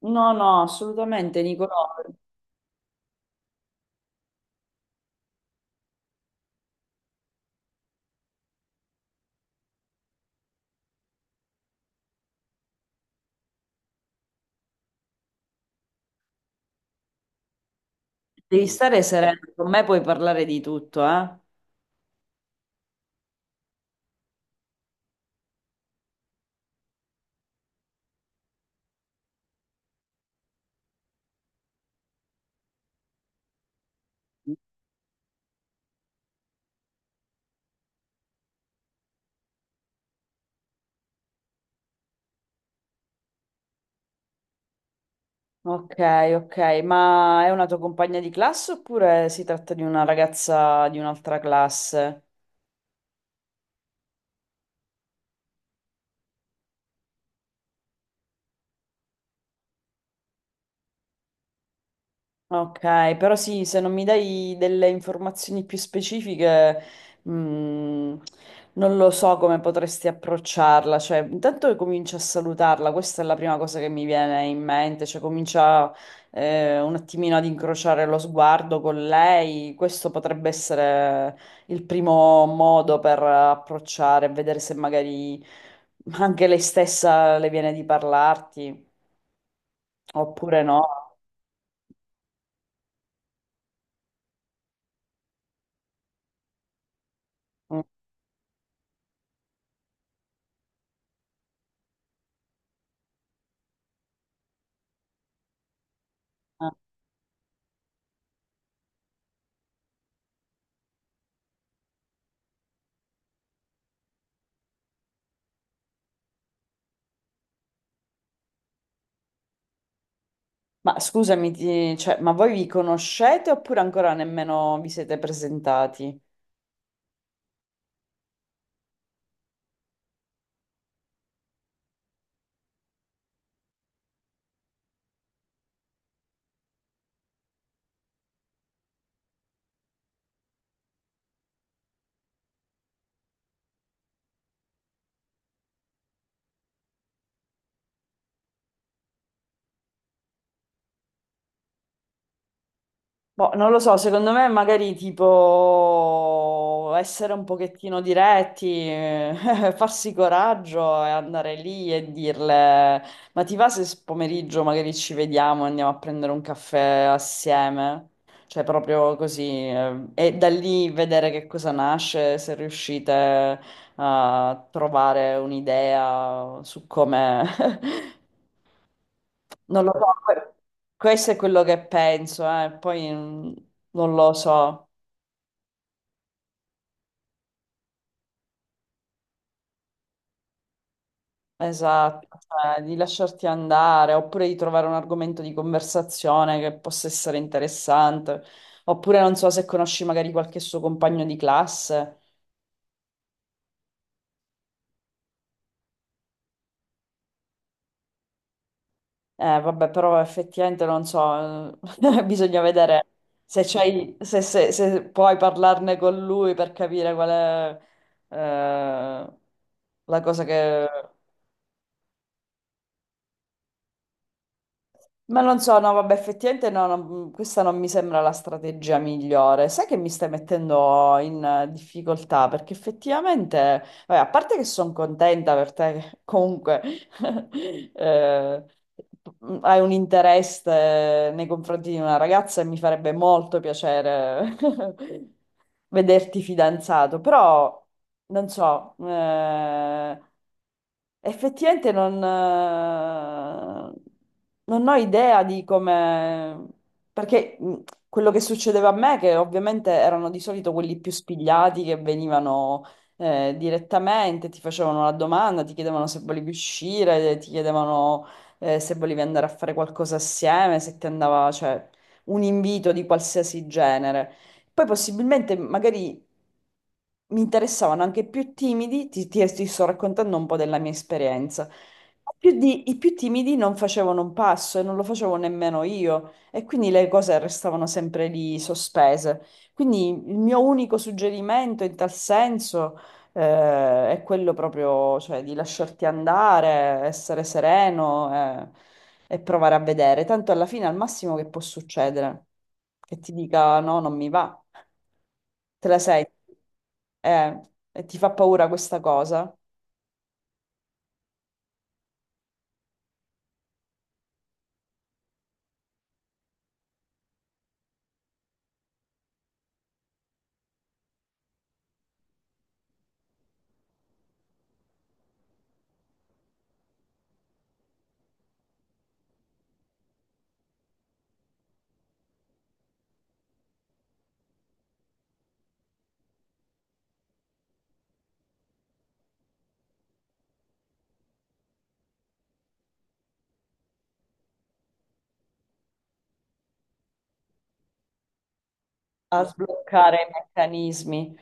No, no, assolutamente, Nicolò. Devi stare sereno, con me puoi parlare di tutto, eh? Ok, ok, ma è una tua compagna di classe oppure si tratta di una ragazza di un'altra classe? Ok, però sì, se non mi dai delle informazioni più specifiche, mm, non lo so come potresti approcciarla. Cioè, intanto comincia a salutarla, questa è la prima cosa che mi viene in mente, cioè comincia un attimino ad incrociare lo sguardo con lei. Questo potrebbe essere il primo modo per approcciare, vedere se magari anche lei stessa le viene di parlarti, oppure no. Mm, eh. Ma scusami, cioè, ma voi vi conoscete oppure ancora nemmeno vi siete presentati? Boh, non lo so, secondo me magari tipo essere un pochettino diretti, farsi coraggio e andare lì e dirle, ma ti va se pomeriggio magari ci vediamo e andiamo a prendere un caffè assieme? Cioè proprio così, e da lì vedere che cosa nasce, se riuscite a trovare un'idea su come Non lo so, questo è quello che penso, poi non lo so, esatto, cioè, di lasciarti andare, oppure di trovare un argomento di conversazione che possa essere interessante, oppure non so se conosci magari qualche suo compagno di classe. Vabbè, però effettivamente non so, bisogna vedere se, se puoi parlarne con lui per capire qual è eh, la cosa che... Ma non so, no, vabbè, effettivamente no, questa non mi sembra la strategia migliore. Sai che mi stai mettendo in difficoltà? Perché effettivamente, vabbè, a parte che sono contenta per te, che comunque eh, hai un interesse nei confronti di una ragazza e mi farebbe molto piacere vederti fidanzato, però non so. Effettivamente non, non ho idea di come... Perché quello che succedeva a me, che ovviamente erano di solito quelli più spigliati che venivano direttamente, ti facevano la domanda, ti chiedevano se volevi uscire, ti chiedevano se volevi andare a fare qualcosa assieme, se ti andava, cioè, un invito di qualsiasi genere. Poi possibilmente magari mi interessavano anche più timidi, ti sto raccontando un po' della mia esperienza. Ma i più timidi non facevano un passo e non lo facevo nemmeno io, e quindi le cose restavano sempre lì sospese. Quindi il mio unico suggerimento in tal senso è quello proprio, cioè, di lasciarti andare, essere sereno, e provare a vedere. Tanto alla fine, al massimo che può succedere, che ti dica no, non mi va, te la sei, eh, e ti fa paura questa cosa. A sbloccare i meccanismi.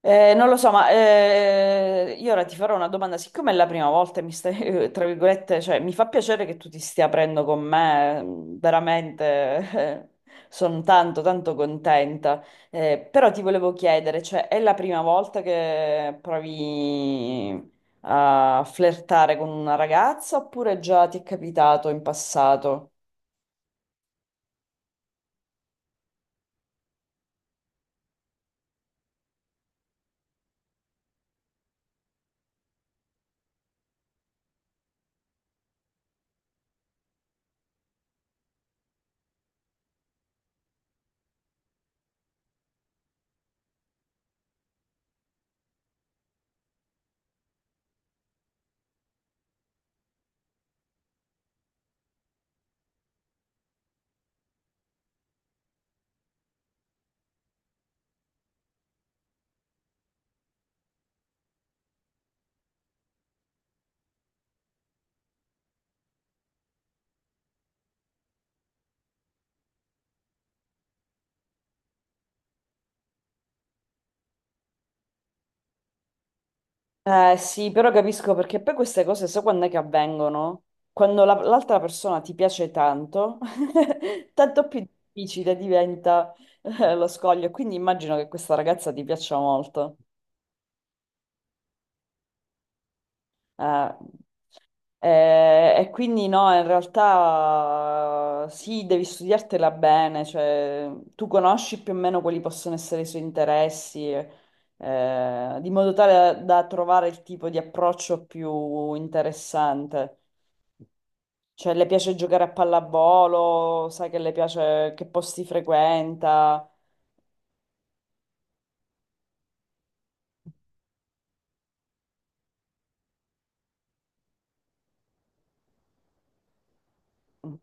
Non lo so, ma io ora ti farò una domanda. Siccome è la prima volta e mi stai, tra virgolette, cioè, mi fa piacere che tu ti stia aprendo con me, mm, veramente, sono tanto, tanto contenta. Però ti volevo chiedere, cioè, è la prima volta che provi a flirtare con una ragazza oppure già ti è capitato in passato? Eh sì, però capisco perché poi queste cose, so quando è che avvengono? Quando l'altra persona ti piace tanto, tanto più difficile diventa lo scoglio. Quindi immagino che questa ragazza ti piaccia molto. Eh, Eh, e quindi no, in realtà sì, devi studiartela bene, cioè tu conosci più o meno quali possono essere i suoi interessi, di modo tale da trovare il tipo di approccio più interessante. Cioè, le piace giocare a pallavolo, sai che le piace, che posti frequenta. Mm,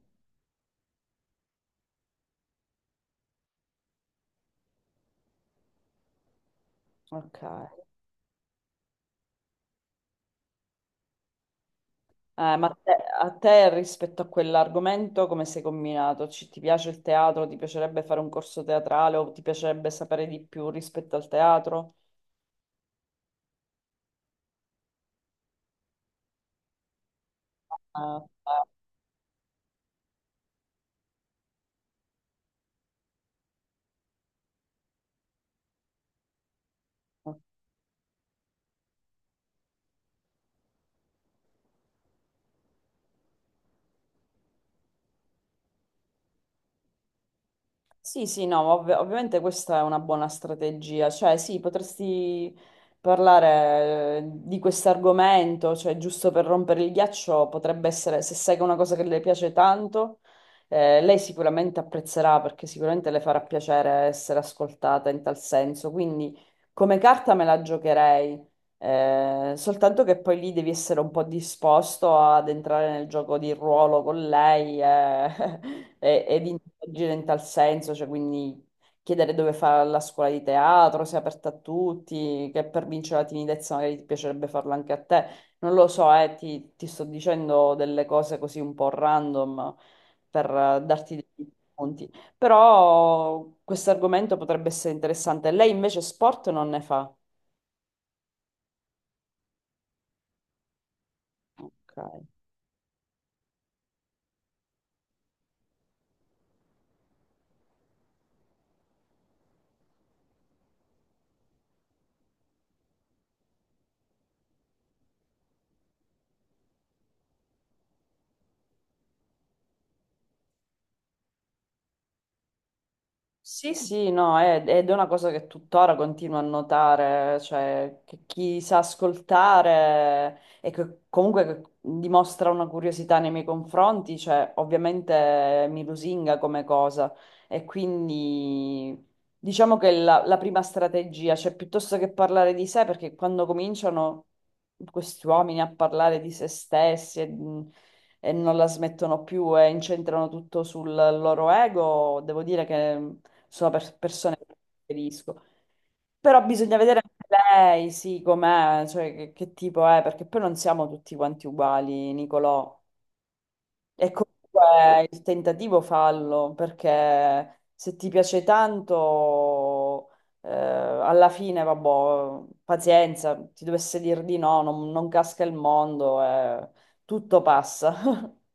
ok. Ma a te rispetto a quell'argomento come sei combinato? Ti piace il teatro? Ti piacerebbe fare un corso teatrale o ti piacerebbe sapere di più rispetto al teatro? Eh, eh, Sì, sì, no, ma ovviamente questa è una buona strategia, cioè sì, potresti parlare di questo argomento, cioè giusto per rompere il ghiaccio potrebbe essere, se sai che è una cosa che le piace tanto, lei sicuramente apprezzerà perché sicuramente le farà piacere essere ascoltata in tal senso, quindi come carta me la giocherei. Soltanto che poi lì devi essere un po' disposto ad entrare nel gioco di ruolo con lei ed interagire in tal senso, cioè quindi chiedere dove fa la scuola di teatro, se è aperta a tutti, che per vincere la timidezza magari ti piacerebbe farlo anche a te. Non lo so, ti sto dicendo delle cose così un po' random per darti dei punti. Però questo argomento potrebbe essere interessante. Lei invece sport non ne fa. Ok. Sì, sì, no, ed è una cosa che tuttora continuo a notare, cioè che chi sa ascoltare e che comunque che dimostra una curiosità nei miei confronti, cioè ovviamente mi lusinga come cosa e quindi diciamo che la prima strategia, cioè piuttosto che parlare di sé, perché quando cominciano questi uomini a parlare di se stessi e, mhmm, e non la smettono più e incentrano tutto sul loro ego, devo dire che sono persone che preferisco. Però bisogna vedere anche lei, sì, com'è, cioè che tipo è, perché poi non siamo tutti quanti uguali, Nicolò. E comunque il tentativo fallo, perché se ti piace tanto, alla fine, vabbè, pazienza, ti dovesse dire di no, non, non casca il mondo, tutto passa.